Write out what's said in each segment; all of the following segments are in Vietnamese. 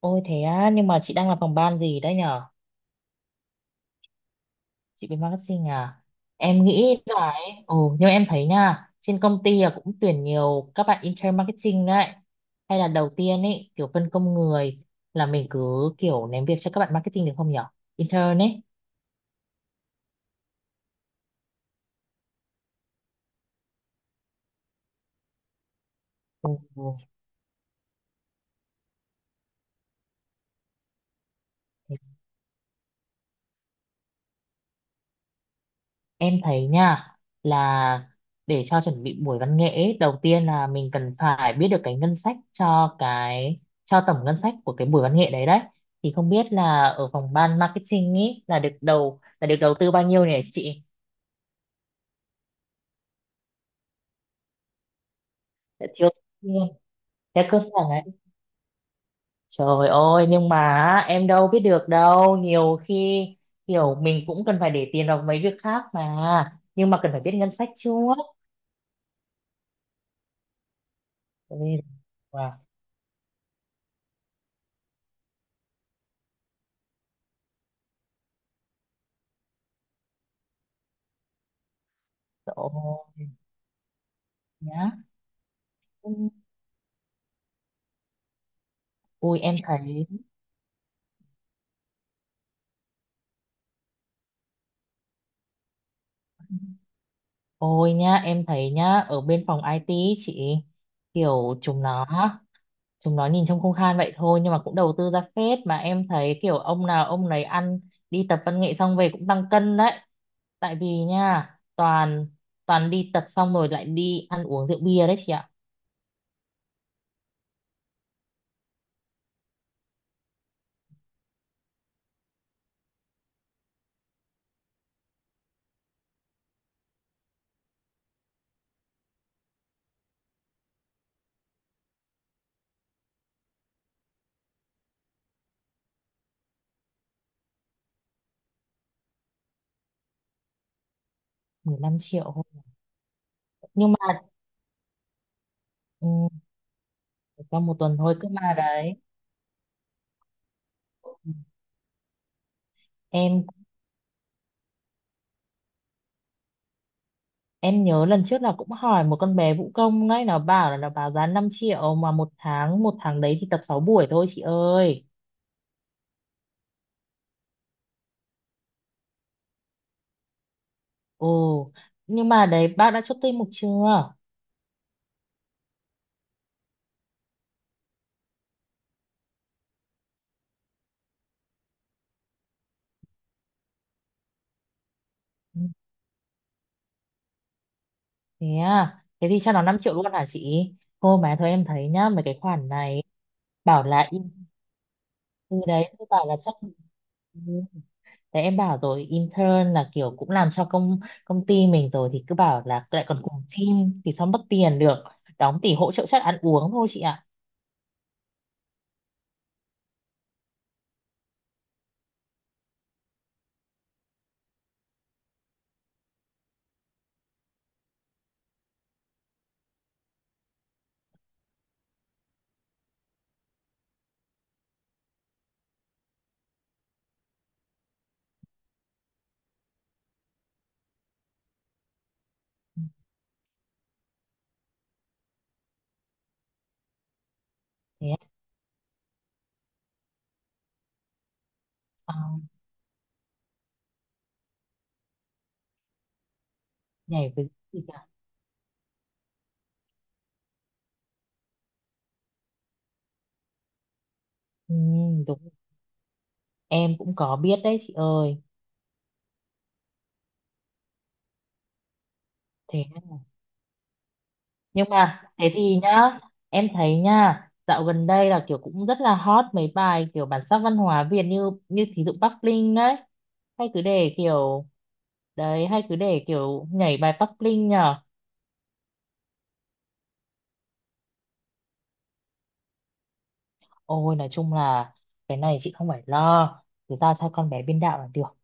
Ôi thế á, nhưng mà chị đang làm phòng ban gì đấy nhở? Chị bên marketing à? Em nghĩ là ấy, ồ, nhưng mà em thấy nha, trên công ty là cũng tuyển nhiều các bạn intern marketing đấy. Hay là đầu tiên ấy, kiểu phân công người là mình cứ kiểu ném việc cho các bạn marketing được không nhở? Intern ấy. Ồ, em thấy nha, là để cho chuẩn bị buổi văn nghệ ấy, đầu tiên là mình cần phải biết được cái ngân sách cho cái cho tổng ngân sách của cái buổi văn nghệ đấy đấy, thì không biết là ở phòng ban marketing ấy là được đầu tư bao nhiêu nhỉ chị? Đã thiếu luôn. Thế cơ sở ấy, trời ơi, nhưng mà á, em đâu biết được đâu, nhiều khi kiểu mình cũng cần phải để tiền vào mấy việc khác mà, nhưng mà cần phải biết ngân sách trước. Ôi, wow. Trời ơi, nhá. Ôi em thấy, ôi nhá, em thấy nhá, ở bên phòng IT ý chị, kiểu chúng nó, chúng nó nhìn trông không khan vậy thôi, nhưng mà cũng đầu tư ra phết mà, em thấy kiểu ông nào ông nấy ăn, đi tập văn nghệ xong về cũng tăng cân đấy. Tại vì nha, toàn toàn đi tập xong rồi lại đi ăn uống rượu bia đấy chị ạ. 15 triệu thôi. Nhưng mà ừ, trong một tuần thôi cơ mà đấy. Em Em nhớ lần trước là cũng hỏi một con bé vũ công đấy, nó bảo là nó báo giá 5 triệu, mà một tháng đấy thì tập 6 buổi thôi chị ơi. Ồ, nhưng mà đấy bác đã chốt tinh mục chưa? Ừ, thế à, thế thì cho nó 5 triệu luôn hả chị? Thôi mà thôi, em thấy nhá, mấy cái khoản này bảo là in, từ đấy tôi bảo là chắc ừ, đấy em bảo rồi, intern là kiểu cũng làm cho công công ty mình rồi, thì cứ bảo là lại còn cùng team thì sao mất tiền được. Đóng tỷ hỗ trợ chắc ăn uống thôi chị ạ. Ừ, thế à? Ờ. Nhảy với gì cả, ừ, đúng, em cũng có biết đấy chị ơi. Thế nhưng mà thế thì nhá, em thấy nha, dạo gần đây là kiểu cũng rất là hot mấy bài kiểu bản sắc văn hóa Việt, như như thí dụ Bắc Linh đấy, hay cứ để kiểu, đấy, hay cứ để kiểu nhảy bài Bắc Linh nhờ. Ôi nói chung là cái này chị không phải lo, cứ giao cho con bé biên đạo là được.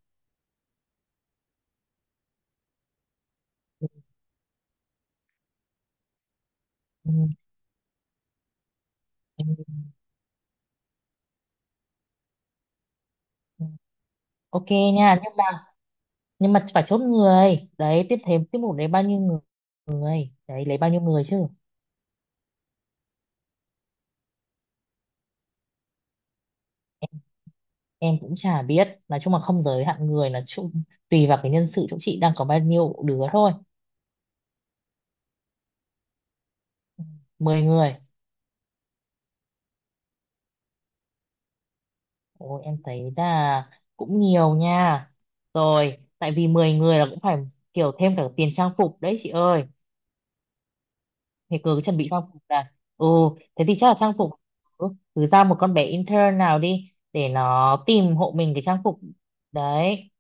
Ừ, ừ, ừ. Ừ. Ok nha, nhưng mà, nhưng mà phải chốt người đấy, tiếp thêm tiết mục đấy bao nhiêu người, người đấy lấy bao nhiêu người chứ. Em cũng chả biết, nói chung là không giới hạn người là chung, tùy vào cái nhân sự chỗ chị đang có bao nhiêu đứa thôi. Mười người. Ôi em thấy là cũng nhiều nha, rồi tại vì 10 người là cũng phải kiểu thêm cả tiền trang phục đấy chị ơi. Thì cứ chuẩn bị trang phục là ừ, thế thì chắc là trang phục, ừ, cứ ra một con bé intern nào đi để nó tìm hộ mình cái trang phục đấy.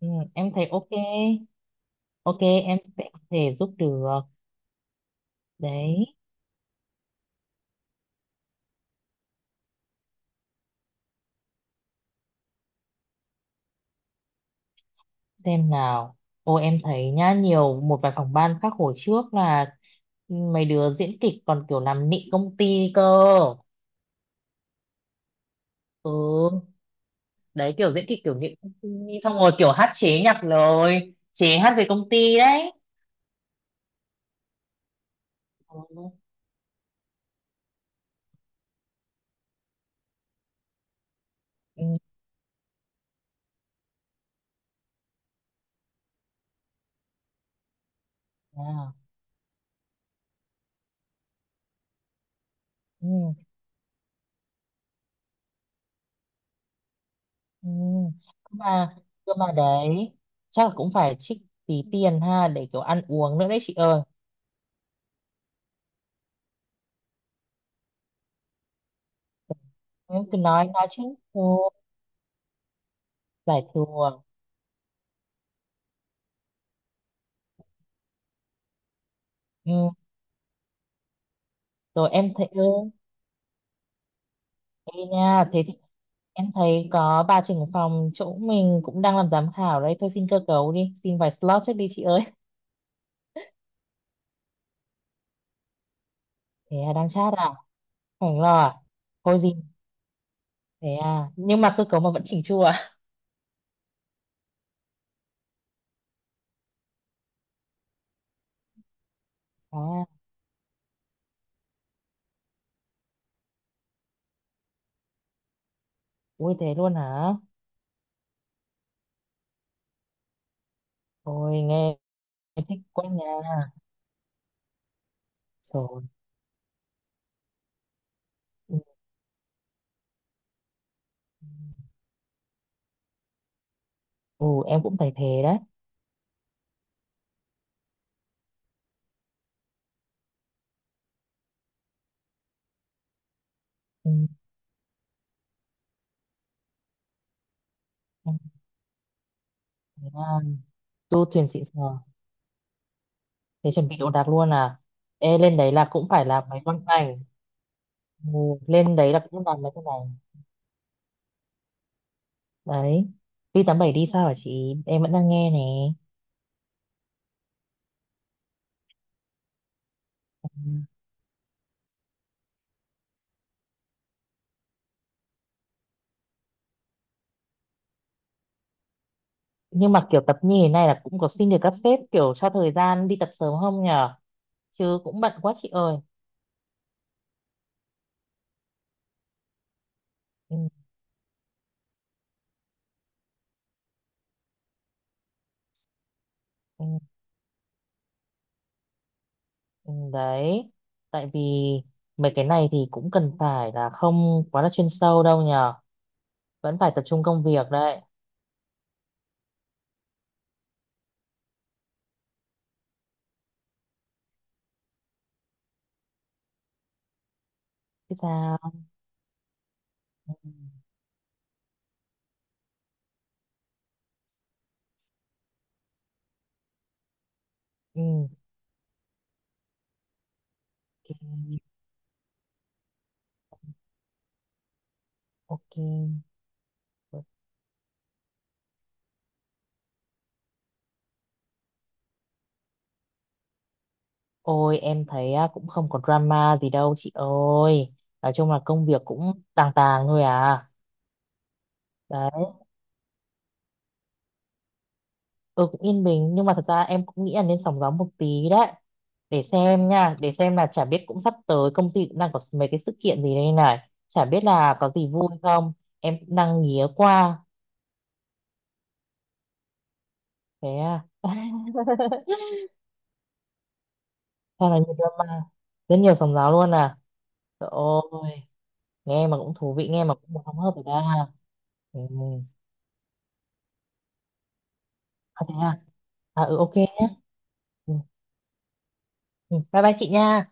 Ừ, em thấy ok. Ok, em sẽ có thể giúp được. Đấy, xem nào, ô em thấy nhá, nhiều một vài phòng ban khác hồi trước là mấy đứa diễn kịch còn kiểu làm nịnh công ty cơ. Ừ, đấy kiểu diễn kịch kiểu nịnh công ty, xong rồi kiểu hát chế nhạc, lời chế hát về công ty đấy. Ừ. Ừ. À, ừ. Ừ. Cơ mà Cơ mà đấy chắc là cũng phải trích tí tiền ha, để kiểu ăn uống nữa đấy chị ơi. Em cứ nói chứ, thua, giải thua. Ừ. Rồi em thấy ừ, ê nha thế thì, em thấy có bà trưởng phòng chỗ mình cũng đang làm giám khảo đấy thôi, xin cơ cấu đi, xin vài slot trước đi chị ơi. Thế à, đang chat à? Khoảng lo à? Thôi gì, thế à, nhưng mà cơ cấu mà vẫn chỉnh chu à? À, ui thế luôn hả? Ôi nghe, em thích quá nha. Trời, ừ. Ừ em cũng thấy thế đấy. Ừ. Em thấy, à, du thuyền xịn sò, thế chuẩn bị đồ đạc luôn à? Ê lên đấy là cũng phải làm mấy con ảnh, ừ, lên đấy là cũng làm mấy cái này đấy. Vi 87 đi sao hả chị, em vẫn đang nghe nè. Ừ. Nhưng mà kiểu tập như thế này là cũng có xin được các sếp kiểu cho thời gian đi tập sớm không nhở? Chứ cũng bận quá chị ơi. Ừ, ừ, ừ, đấy, tại vì mấy cái này thì cũng cần phải là không quá là chuyên sâu đâu nhở, vẫn phải tập trung công việc đấy chứ sao. Ừ, ừ, ok. Ok. Ôi em thấy á, cũng không có drama gì đâu chị ơi. Nói chung là công việc cũng tàng tàng thôi à. Đấy, ừ cũng yên bình, nhưng mà thật ra em cũng nghĩ là nên sóng gió một tí đấy. Để xem nha, để xem là chả biết, cũng sắp tới công ty cũng đang có mấy cái sự kiện gì đây này. Chả biết là có gì vui không. Em cũng đang nghía qua. Thế à. Sao là nhiều drama. Rất nhiều sóng gió luôn à. Trời ơi, nghe mà cũng thú vị, nghe mà cũng không hớp được ra. Ừ. À, thế à? À ừ ok nhé. Ừ, ừ, bye bye chị nha.